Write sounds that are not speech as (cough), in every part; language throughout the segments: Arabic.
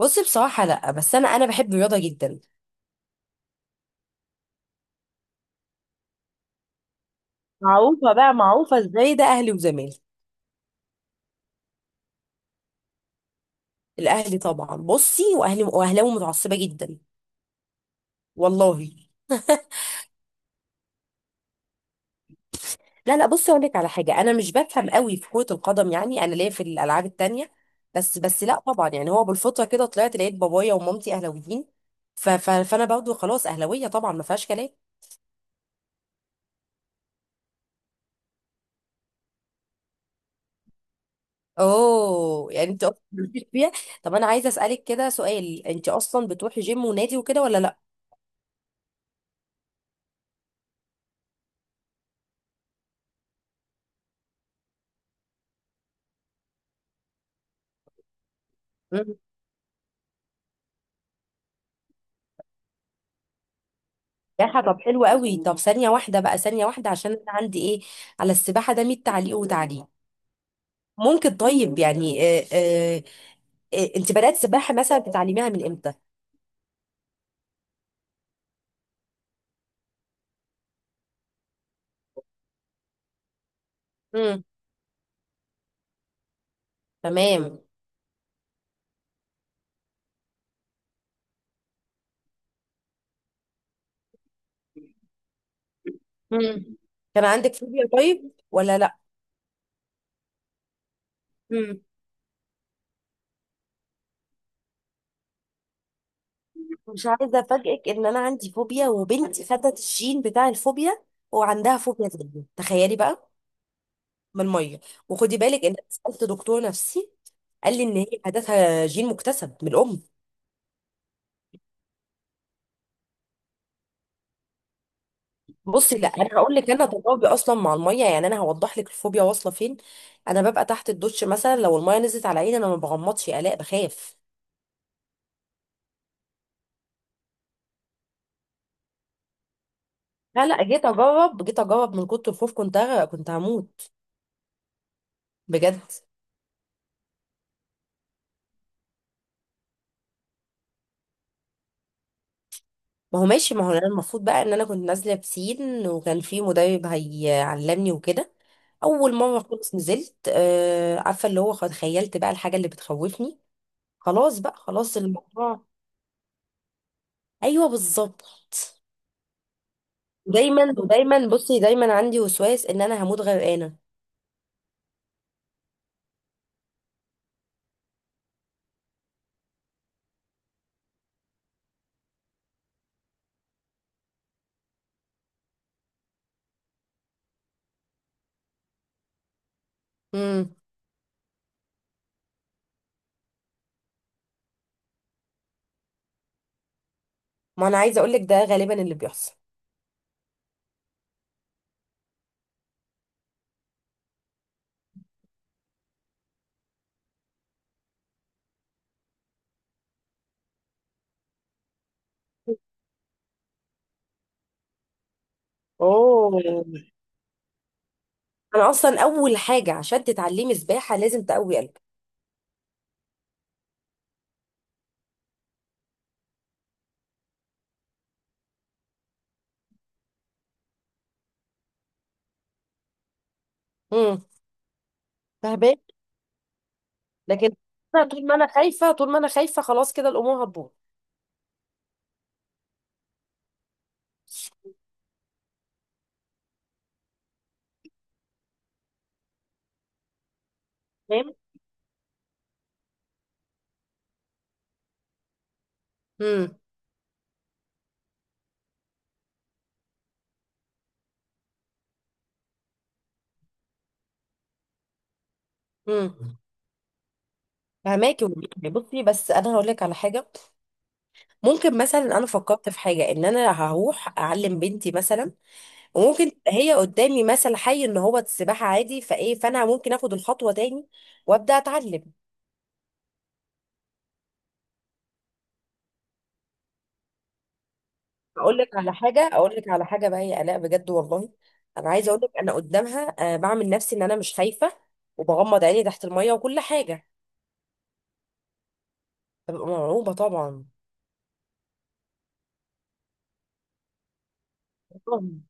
بصي، بصراحة لا، بس أنا بحب الرياضة جدا. معروفة بقى، معروفة إزاي ده أهلي وزمالي. الأهلي طبعا، بصي، وأهلي وأهلاوي متعصبة جدا. والله. (laughs) لا لا، بصي، أقول لك على حاجة. أنا مش بفهم قوي في كرة القدم، يعني أنا ليا في الألعاب التانية. بس لا طبعا، يعني هو بالفطرة كده طلعت لقيت بابايا ومامتي أهلاويين. ف ف فأنا برضه خلاص أهلاوية طبعا، ما فيهاش كلام. أوه، يعني أنت أصلا مالكيش فيها. طب أنا عايزة أسألك كده سؤال، أنت أصلا بتروحي جيم ونادي وكده ولا لا؟ سباحة؟ طب حلو قوي. طب ثانية واحدة بقى، ثانية واحدة، عشان أنا عندي إيه على السباحة ده 100 تعليق وتعليق. ممكن؟ طيب، يعني أنت بدأت سباحة مثلا بتعلميها من إمتى؟ امم. تمام. امم. كان عندك فوبيا طيب ولا لأ؟ امم. مش عايزة أفاجئك إن أنا عندي فوبيا وبنتي خدت الجين بتاع الفوبيا، وعندها فوبيا تانية تخيلي بقى. من المية. وخدي بالك إن أنا سألت دكتور نفسي، قال لي إن هي عادتها جين مكتسب من الأم. بصي لا، انا هقول لك، انا تجاربي اصلا مع الميه، يعني انا هوضح لك الفوبيا واصله فين. انا ببقى تحت الدش مثلا، لو الميه نزلت على عيني انا ما بغمضش، يا الاء بخاف. لا لا، جيت اجرب، جيت اجرب، من كتر الخوف كنت هغرق، كنت هموت. بجد. ما هو ماشي، ما هو انا المفروض بقى ان انا كنت نازله بسين وكان في مدرب هيعلمني وكده. اول مره خالص نزلت، آه عارفه اللي هو تخيلت بقى الحاجه اللي بتخوفني. خلاص بقى، خلاص الموضوع. ايوه بالظبط. دايما ودايما، بصي دايما عندي وسواس ان انا هموت غرقانه. امم. ما انا عايزه اقول لك، ده غالبا اللي بيحصل. اوه. انا اصلا اول حاجه عشان تتعلمي سباحه لازم تقوي قلبك. امم. فاهمه. لكن أنا طول ما انا خايفه، طول ما انا خايفه، خلاص كده الامور هتبوظ. تمام. امم. امم. فهماكي والله. بصي، بس انا هقول لك على حاجه. ممكن مثلا انا فكرت في حاجه، ان انا هروح اعلم بنتي مثلا. وممكن تبقى هي قدامي مثل حي ان هو السباحه عادي فايه، فانا ممكن اخد الخطوه تاني وابدا اتعلم. اقول لك على حاجه، اقول لك على حاجه بقى يا الاء بجد والله. انا عايزه اقول لك، انا قدامها بعمل نفسي ان انا مش خايفه، وبغمض عيني تحت الميه وكل حاجه. ببقى مرعوبه طبعا. طبعاً.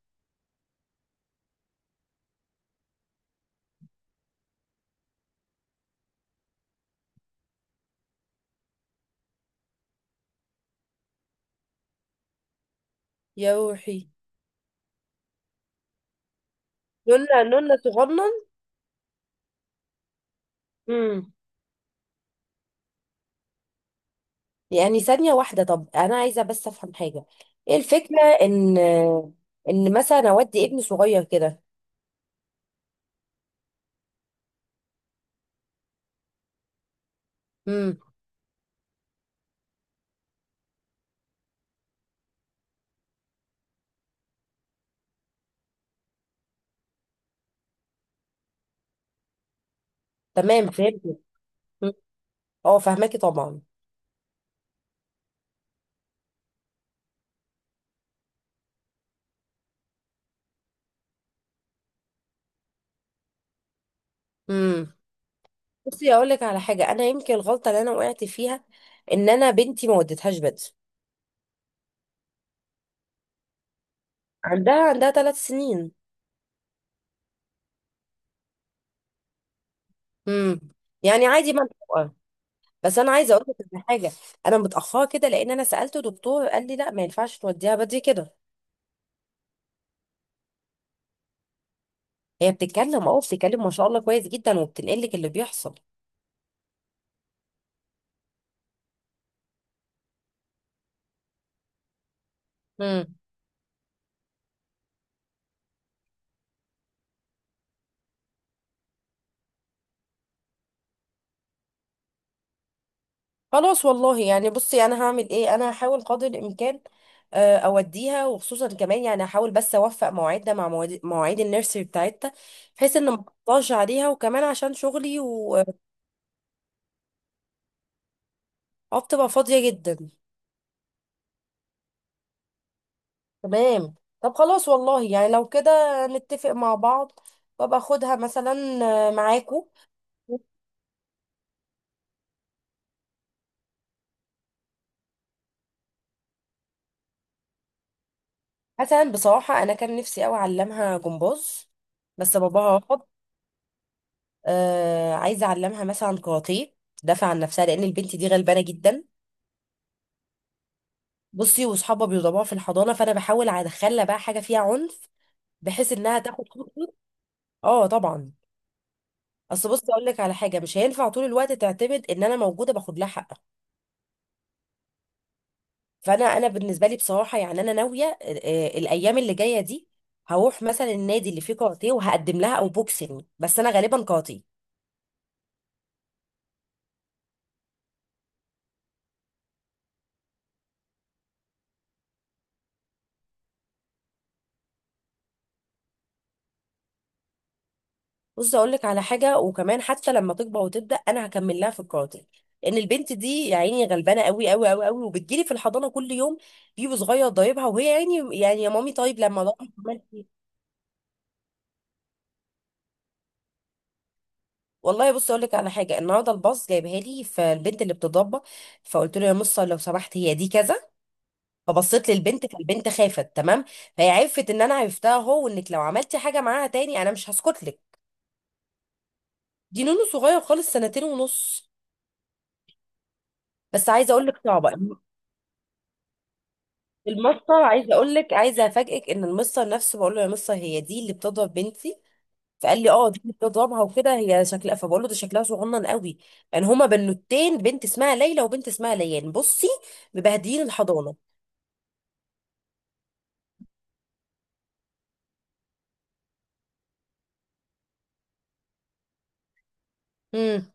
يا روحي. نونا نونا صغنن. امم. يعني ثانيه واحده، طب انا عايزه بس افهم حاجه. ايه الفكره ان ان مثلا اودي ابني صغير كده. امم. تمام فهمت. اه فهماكي طبعا. امم. بصي اقول لك على حاجه، انا يمكن الغلطه اللي انا وقعت فيها ان انا بنتي ما وديتهاش بدري. عندها 3 سنين. امم. يعني عادي، منطقه. بس انا عايزه اقول لك على حاجه، انا متاخره كده لان انا سالته دكتور قال لي لا، ما ينفعش توديها بدري كده. هي بتتكلم، اه بتتكلم ما شاء الله كويس جدا، وبتنقل لك اللي بيحصل. امم. خلاص والله يعني، بصي انا هعمل ايه، انا هحاول قدر الامكان اوديها، وخصوصا كمان يعني هحاول بس اوفق مواعيدنا مع مواعيد النيرسري بتاعتها، بحيث ان ما اقطعش عليها وكمان عشان شغلي. وبتبقى فاضيه جدا. تمام. طب خلاص والله يعني لو كده نتفق مع بعض، وابقى اخدها مثلا، معاكو. حسنا بصراحه، انا كان نفسي قوي اعلمها جمباز، بس باباها رفض. آه عايزه اعلمها مثلا كاراتيه تدافع عن نفسها، لان البنت دي غلبانه جدا. بصي، واصحابها بيدوروا في الحضانه، فانا بحاول ادخلها بقى حاجه فيها عنف، بحيث انها تاخد حقوقي. اه طبعا. اصل بصي اقول لك على حاجه، مش هينفع طول الوقت تعتمد ان انا موجوده باخد لها حقها. فانا، انا بالنسبه لي بصراحه يعني انا ناويه، الايام اللي جايه دي هروح مثلا النادي اللي فيه كاراتيه وهقدم لها، او بوكسينج، بس انا غالبا كاراتيه. بص اقول لك على حاجه، وكمان حتى لما تكبر وتبدا انا هكمل لها في الكاراتيه، لان البنت دي يا عيني غلبانه قوي قوي قوي قوي. وبتجيلي في الحضانه كل يوم بيبو صغير ضايبها، وهي يا عيني يعني يا مامي طيب لما اروح أعمل إيه؟ والله بص اقول لك على حاجه، النهارده الباص جايبها لي، فالبنت اللي بتضربها فقلت له يا مصه لو سمحت هي دي كذا. فبصيت للبنت فالبنت خافت تمام. فهي عرفت ان انا عرفتها، هو وانك لو عملتي حاجه معاها تاني انا مش هسكت لك. دي نونو صغير خالص، 2 ونص. بس عايزه اقول لك صعبه، المصة عايزة اقول لك، عايزة افاجئك ان المصة نفسه بقول له يا مصة هي دي اللي بتضرب بنتي. فقال لي اه دي اللي بتضربها وكده، هي شكلها، فبقول له ده شكلها صغنن قوي. يعني هما بنوتين، بنت اسمها ليلى وبنت اسمها ليان، بصي مبهدلين الحضانة. امم.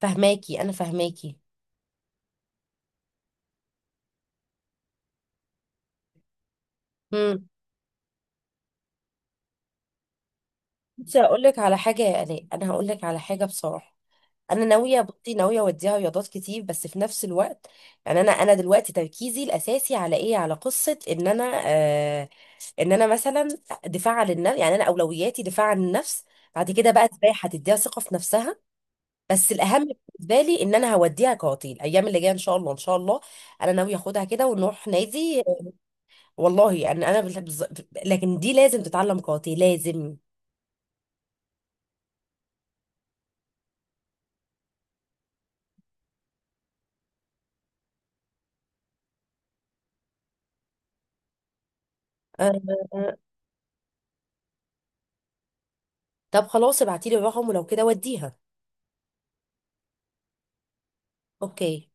فهماكي انا فهماكي. امم. بصي هقول لك على حاجة يا آلاء، انا هقول لك على حاجة بصراحة. انا ناويه، بصي ناويه اوديها رياضات كتير، بس في نفس الوقت يعني انا دلوقتي تركيزي الاساسي على ايه، على قصه ان انا، ان انا مثلا دفاع عن النفس. يعني انا اولوياتي دفاع عن النفس. بعد كده بقى سباحه تديها ثقه في نفسها. بس الاهم بالنسبه لي، ان انا هوديها قاعدين الايام اللي جايه ان شاء الله ان شاء الله. انا ناويه اخدها كده ونروح نادي. والله يعني انا لكن دي لازم تتعلم قاعدين، لازم. آه، آه، آه. طب خلاص ابعتيلي الرقم، ولو كده وديها. اوكي.